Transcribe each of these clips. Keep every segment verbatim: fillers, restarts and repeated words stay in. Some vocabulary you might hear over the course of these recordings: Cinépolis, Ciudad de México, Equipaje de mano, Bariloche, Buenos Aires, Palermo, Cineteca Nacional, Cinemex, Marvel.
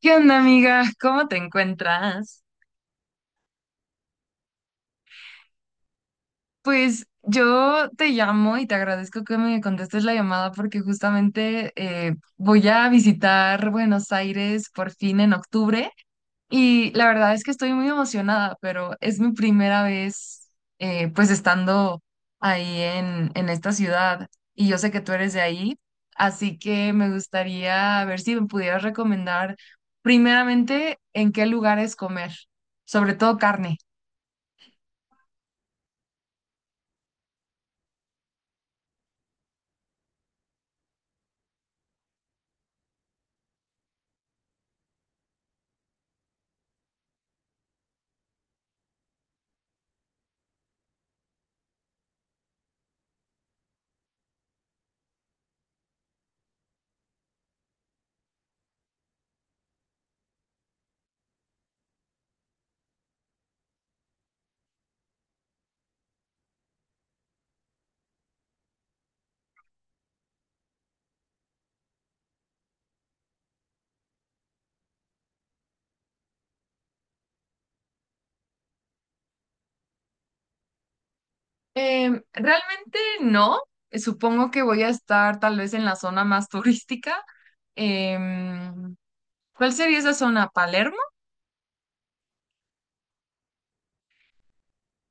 ¿Qué onda, amiga? ¿Cómo te encuentras? Pues yo te llamo y te agradezco que me contestes la llamada porque justamente eh, voy a visitar Buenos Aires por fin en octubre y la verdad es que estoy muy emocionada, pero es mi primera vez eh, pues estando ahí en, en esta ciudad y yo sé que tú eres de ahí, así que me gustaría ver si me pudieras recomendar primeramente en qué lugares comer, sobre todo carne. Em, realmente no. Supongo que voy a estar tal vez en la zona más turística. Em, ¿Cuál sería esa zona? ¿Palermo?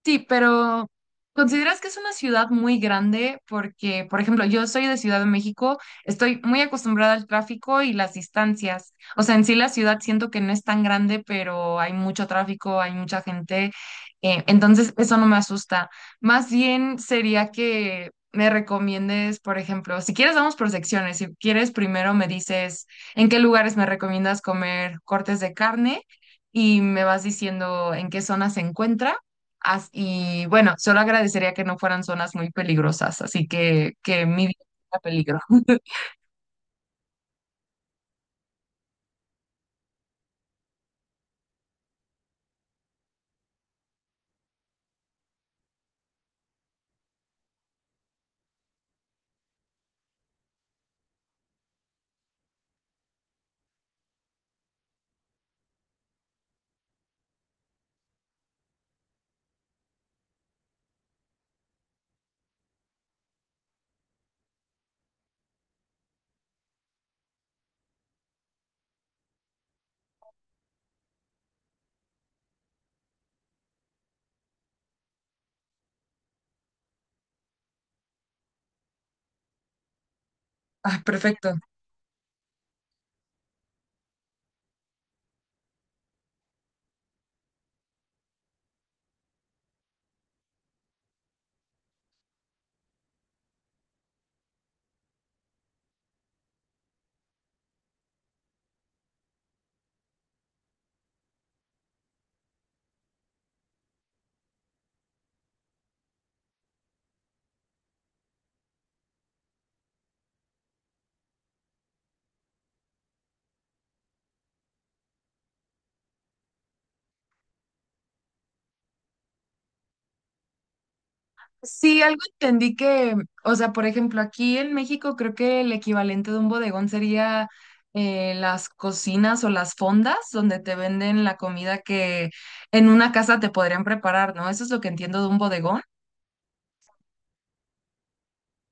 Sí, pero ¿consideras que es una ciudad muy grande? Porque, por ejemplo, yo soy de Ciudad de México, estoy muy acostumbrada al tráfico y las distancias. O sea, en sí la ciudad siento que no es tan grande, pero hay mucho tráfico, hay mucha gente, eh, entonces eso no me asusta. Más bien sería que me recomiendes, por ejemplo, si quieres vamos por secciones, si quieres primero me dices en qué lugares me recomiendas comer cortes de carne y me vas diciendo en qué zona se encuentra. As- y bueno, solo agradecería que no fueran zonas muy peligrosas, así que que mi vida tenga peligro. Ah, perfecto. Sí, algo entendí que, o sea, por ejemplo, aquí en México creo que el equivalente de un bodegón sería eh, las cocinas o las fondas donde te venden la comida que en una casa te podrían preparar, ¿no? Eso es lo que entiendo de un bodegón.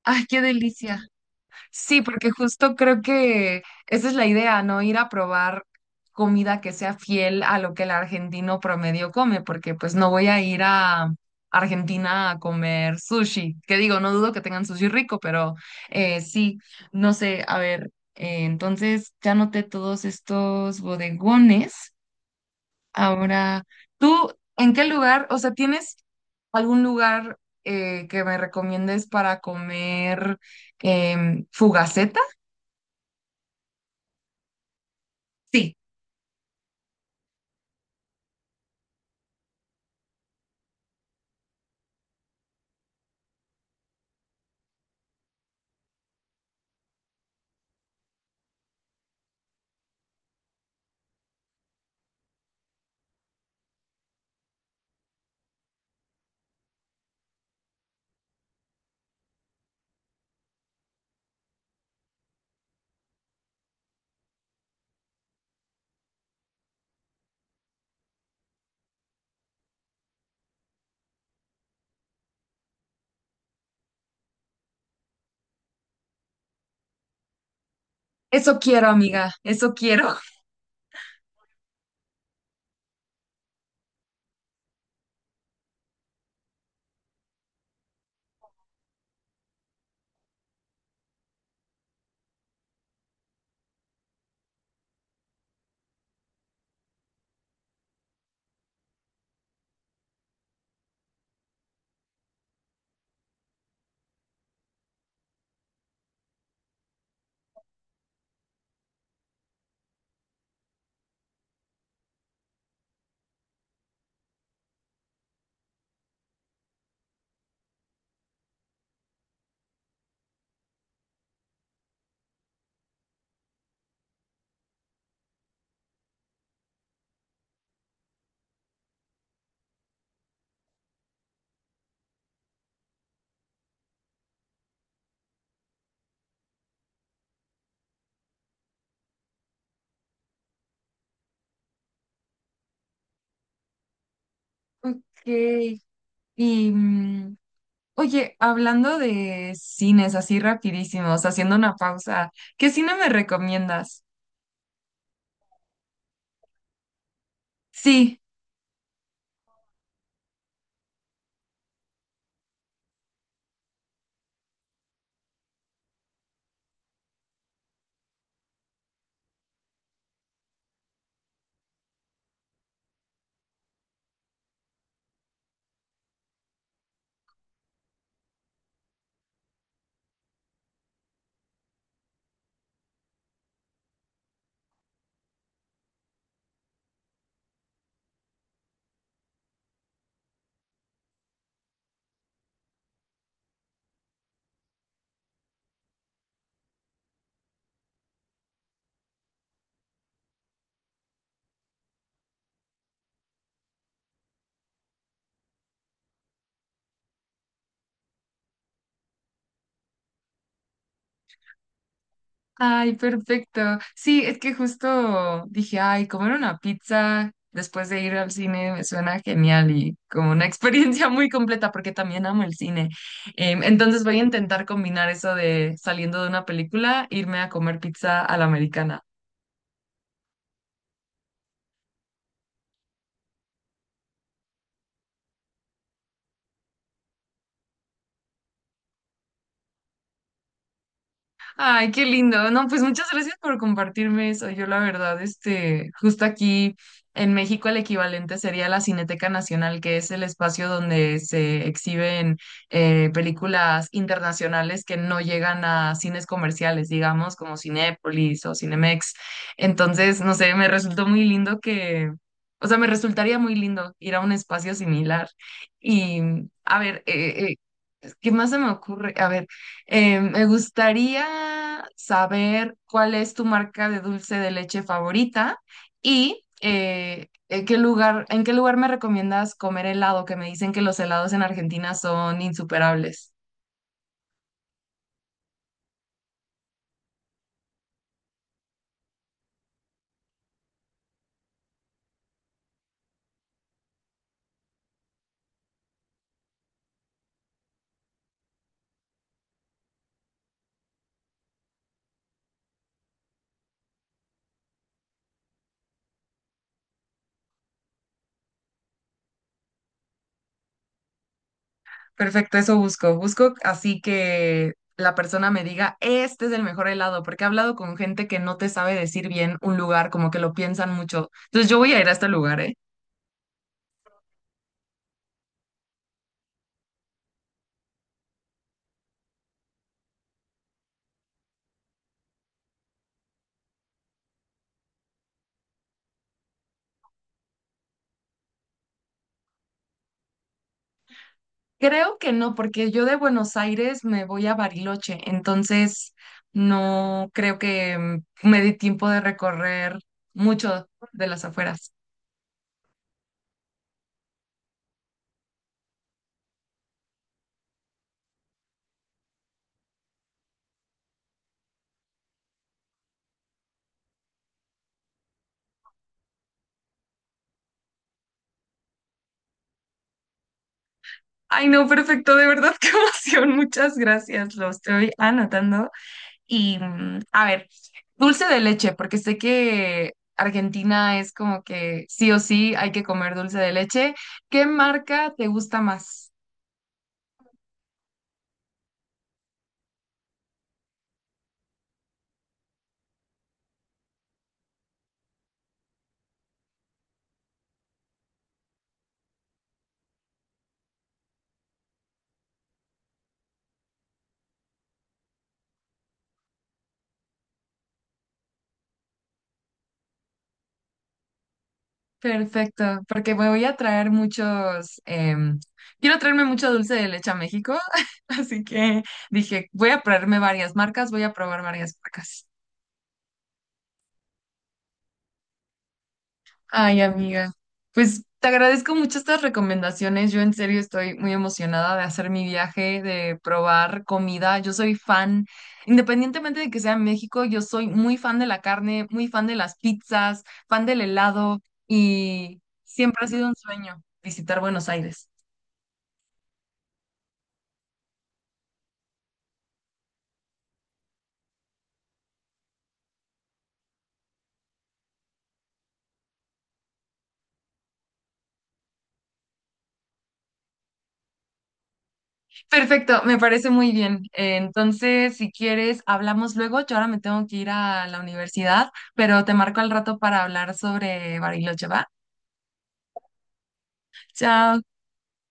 ¡Ay, qué delicia! Sí, porque justo creo que esa es la idea, ¿no? Ir a probar comida que sea fiel a lo que el argentino promedio come, porque pues no voy a ir a Argentina a comer sushi, que digo, no dudo que tengan sushi rico, pero eh, sí, no sé, a ver, eh, entonces ya noté todos estos bodegones. Ahora, ¿tú en qué lugar, o sea, tienes algún lugar eh, que me recomiendes para comer? Fugacetas. Sí, eso quiero, amiga, eso quiero. Ok. Y, mm, oye, hablando de cines así rapidísimos, haciendo una pausa, ¿qué cine me recomiendas? Sí, ay, perfecto. Sí, es que justo dije, ay, comer una pizza después de ir al cine me suena genial y como una experiencia muy completa porque también amo el cine. Em, entonces voy a intentar combinar eso de saliendo de una película, irme a comer pizza a la americana. Ay, qué lindo. No, pues muchas gracias por compartirme eso. Yo la verdad, este, justo aquí en México el equivalente sería la Cineteca Nacional, que es el espacio donde se exhiben eh, películas internacionales que no llegan a cines comerciales, digamos, como Cinépolis o Cinemex. Entonces, no sé, me resultó muy lindo que, o sea, me resultaría muy lindo ir a un espacio similar. Y, a ver, eh, eh, ¿qué más se me ocurre? A ver, eh, me gustaría saber cuál es tu marca de dulce de leche favorita y eh, en qué lugar, en qué lugar me recomiendas comer helado, que me dicen que los helados en Argentina son insuperables. Perfecto, eso busco. Busco así que la persona me diga, este es el mejor helado, porque he hablado con gente que no te sabe decir bien un lugar, como que lo piensan mucho. Entonces yo voy a ir a este lugar, ¿eh? Creo que no, porque yo de Buenos Aires me voy a Bariloche, entonces no creo que mm, me dé tiempo de recorrer mucho de las afueras. Ay, no, perfecto, de verdad, qué emoción. Muchas gracias, lo estoy anotando. Y mm, a ver, dulce de leche, porque sé que Argentina es como que sí o sí hay que comer dulce de leche. ¿Qué marca te gusta más? Perfecto, porque me voy a traer muchos, em, quiero traerme mucho dulce de leche a México, así que dije, voy a traerme varias marcas, voy a probar varias marcas. Ay, amiga, pues te agradezco mucho estas recomendaciones, yo en serio estoy muy emocionada de hacer mi viaje, de probar comida, yo soy fan, independientemente de que sea en México, yo soy muy fan de la carne, muy fan de las pizzas, fan del helado y siempre ha sido un sueño visitar Buenos Aires. Perfecto, me parece muy bien. Eh, Entonces, si quieres, hablamos luego. Yo ahora me tengo que ir a la universidad, pero te marco al rato para hablar sobre Bariloche, ¿va? Chao.